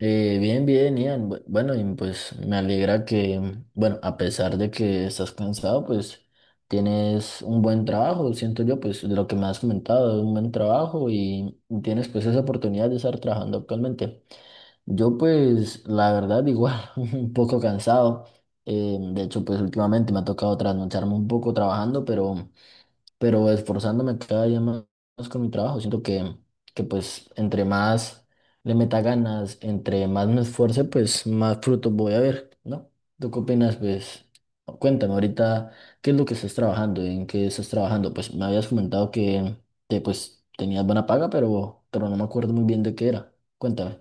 Bien, bien, Ian. Bueno, y pues me alegra que, bueno, a pesar de que estás cansado, pues tienes un buen trabajo, siento yo, pues de lo que me has comentado, un buen trabajo y tienes pues esa oportunidad de estar trabajando actualmente. Yo pues, la verdad, igual, un poco cansado. De hecho, pues últimamente me ha tocado trasnocharme un poco trabajando, pero esforzándome cada día más, con mi trabajo. Siento que, pues entre más le meta ganas, entre más me esfuerce, pues más frutos voy a ver, ¿no? ¿Tú qué opinas? Pues cuéntame ahorita, ¿qué es lo que estás trabajando? ¿En qué estás trabajando? Pues me habías comentado que, pues tenías buena paga, pero no me acuerdo muy bien de qué era. Cuéntame.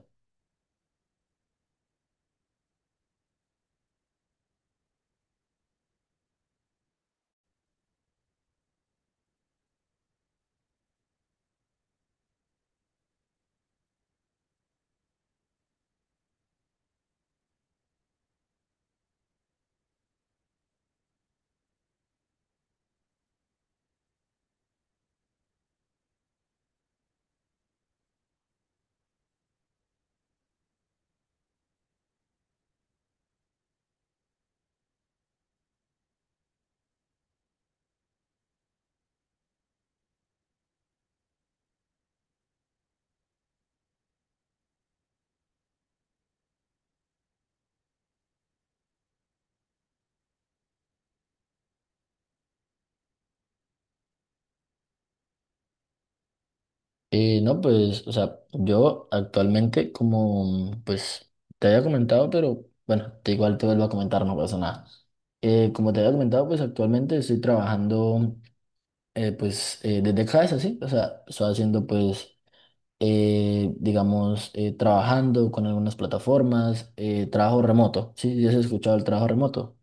No, pues, o sea, yo actualmente, como pues te había comentado, pero bueno, te igual te vuelvo a comentar, no pasa nada. Como te había comentado, pues actualmente estoy trabajando pues desde casa, ¿sí? O sea, estoy haciendo pues, digamos, trabajando con algunas plataformas, trabajo remoto, ¿sí? ¿Ya has escuchado el trabajo remoto?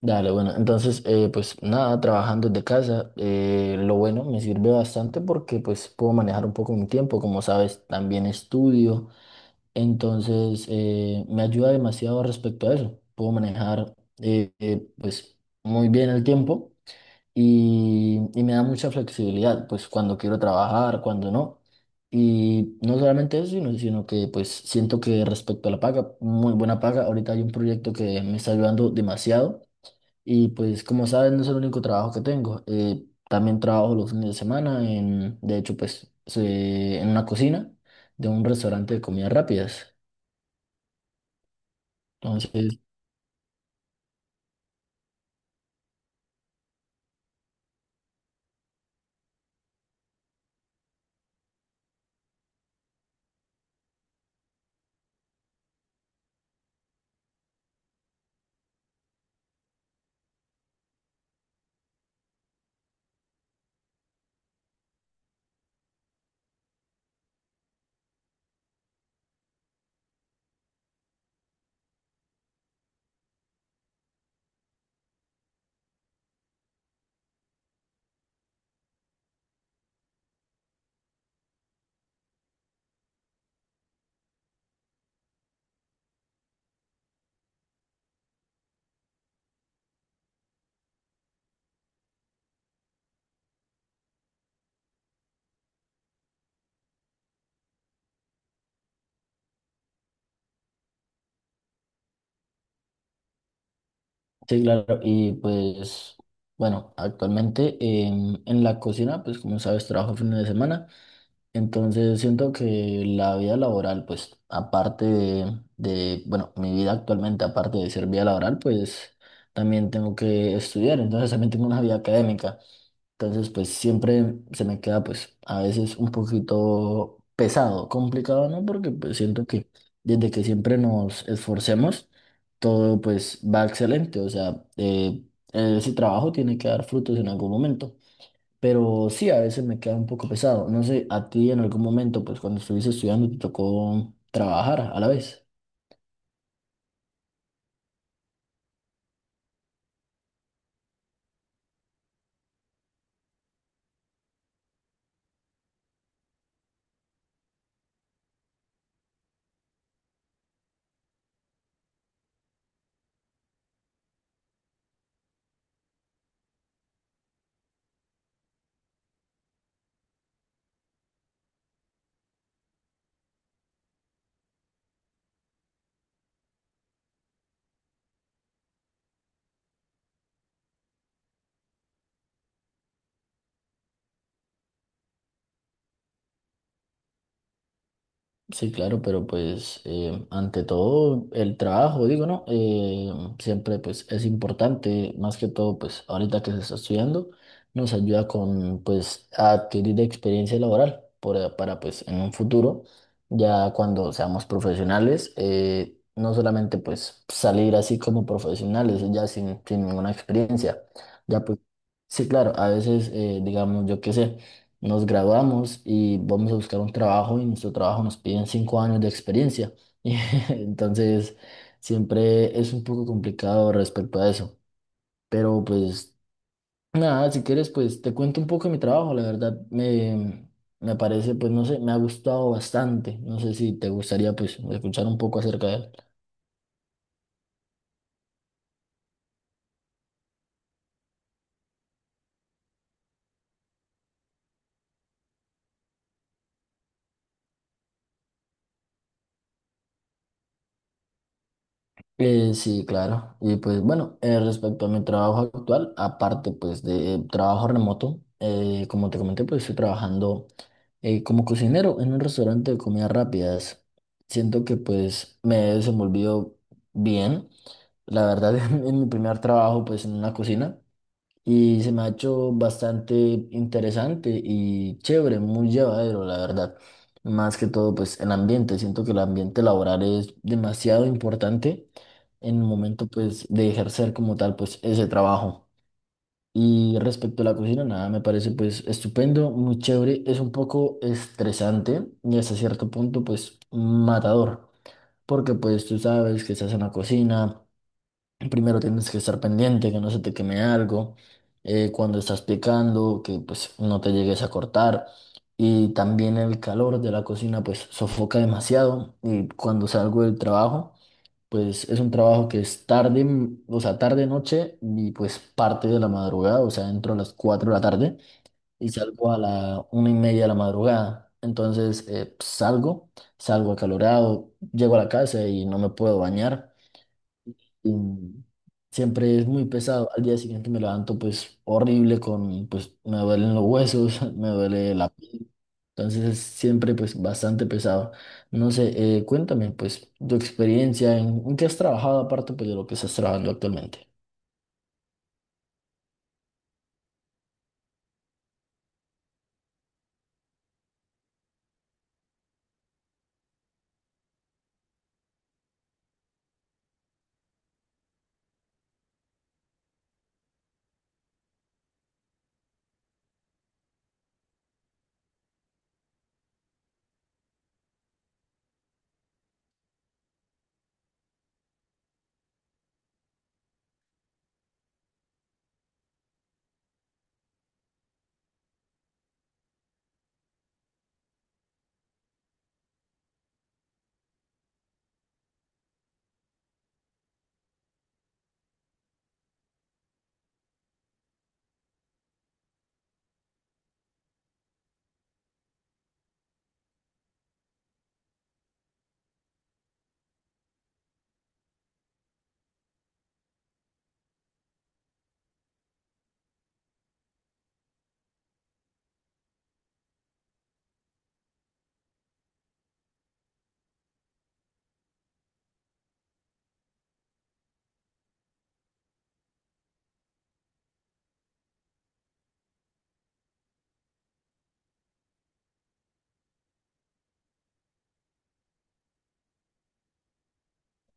Dale, bueno, entonces, pues nada, trabajando desde casa, lo bueno me sirve bastante porque pues puedo manejar un poco mi tiempo, como sabes, también estudio, entonces me ayuda demasiado respecto a eso, puedo manejar pues muy bien el tiempo y, me da mucha flexibilidad, pues cuando quiero trabajar, cuando no, y no solamente eso, sino que pues siento que respecto a la paga, muy buena paga, ahorita hay un proyecto que me está ayudando demasiado y pues como sabes, no es el único trabajo que tengo. También trabajo los fines de semana en, de hecho, pues se- en una cocina de un restaurante de comidas rápidas. Entonces, sí, claro. Y pues, bueno, actualmente en la cocina, pues como sabes, trabajo fines de semana. Entonces siento que la vida laboral, pues aparte bueno, mi vida actualmente, aparte de ser vida laboral, pues también tengo que estudiar, entonces también tengo una vida académica. Entonces, pues siempre se me queda, pues a veces un poquito pesado, complicado, ¿no? Porque pues siento que desde que siempre nos esforcemos, todo pues va excelente, o sea, ese trabajo tiene que dar frutos en algún momento. Pero sí, a veces me queda un poco pesado. No sé, a ti en algún momento, pues cuando estuviste estudiando, te tocó trabajar a la vez. Sí, claro, pero pues ante todo el trabajo, digo, ¿no? Siempre pues es importante, más que todo pues ahorita que se está estudiando, nos ayuda con pues a adquirir experiencia laboral por- para pues en un futuro, ya cuando seamos profesionales, no solamente pues salir así como profesionales, ya sin ninguna experiencia, ya pues sí, claro, a veces digamos, yo qué sé. Nos graduamos y vamos a buscar un trabajo y nuestro trabajo nos piden 5 años de experiencia. Y entonces siempre es un poco complicado respecto a eso. Pero pues nada, si quieres pues te cuento un poco de mi trabajo. La verdad me, parece pues no sé, me ha gustado bastante. No sé si te gustaría pues escuchar un poco acerca de él. Sí, claro. Y pues bueno, respecto a mi trabajo actual, aparte pues de trabajo remoto, como te comenté, pues estoy trabajando como cocinero en un restaurante de comidas rápidas. Siento que pues me he desenvolvido bien. La verdad, en mi primer trabajo pues en una cocina. Y se me ha hecho bastante interesante y chévere, muy llevadero, la verdad. Más que todo, pues el ambiente. Siento que el ambiente laboral es demasiado importante en el momento, pues, de ejercer como tal, pues, ese trabajo. Y respecto a la cocina, nada, me parece, pues, estupendo, muy chévere. Es un poco estresante y hasta cierto punto, pues, matador. Porque, pues, tú sabes que estás en la cocina. Primero tienes que estar pendiente, que no se te queme algo, cuando estás picando, que pues no te llegues a cortar. Y también el calor de la cocina pues sofoca demasiado. Y cuando salgo del trabajo, pues es un trabajo que es tarde, o sea, tarde noche y pues parte de la madrugada, o sea, entro a las 4 de la tarde y salgo a la 1:30 de la madrugada. Entonces salgo, acalorado, llego a la casa y no me puedo bañar y siempre es muy pesado. Al día siguiente me levanto pues horrible con, pues me duelen los huesos, me duele la piel. Entonces es siempre pues bastante pesado. No sé, cuéntame pues tu experiencia, en, qué has trabajado aparte pues de lo que estás trabajando actualmente.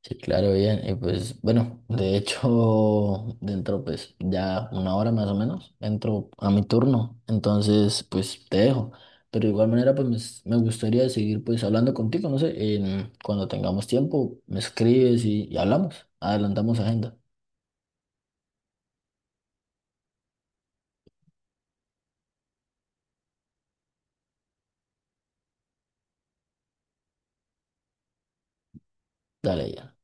Sí, claro, bien. Y pues, bueno, de hecho, dentro, pues, ya una hora más o menos, entro a mi turno. Entonces, pues, te dejo. Pero de igual manera, pues, me, gustaría seguir, pues, hablando contigo, no sé, en, cuando tengamos tiempo, me escribes y, hablamos. Adelantamos agenda. Dale, ya.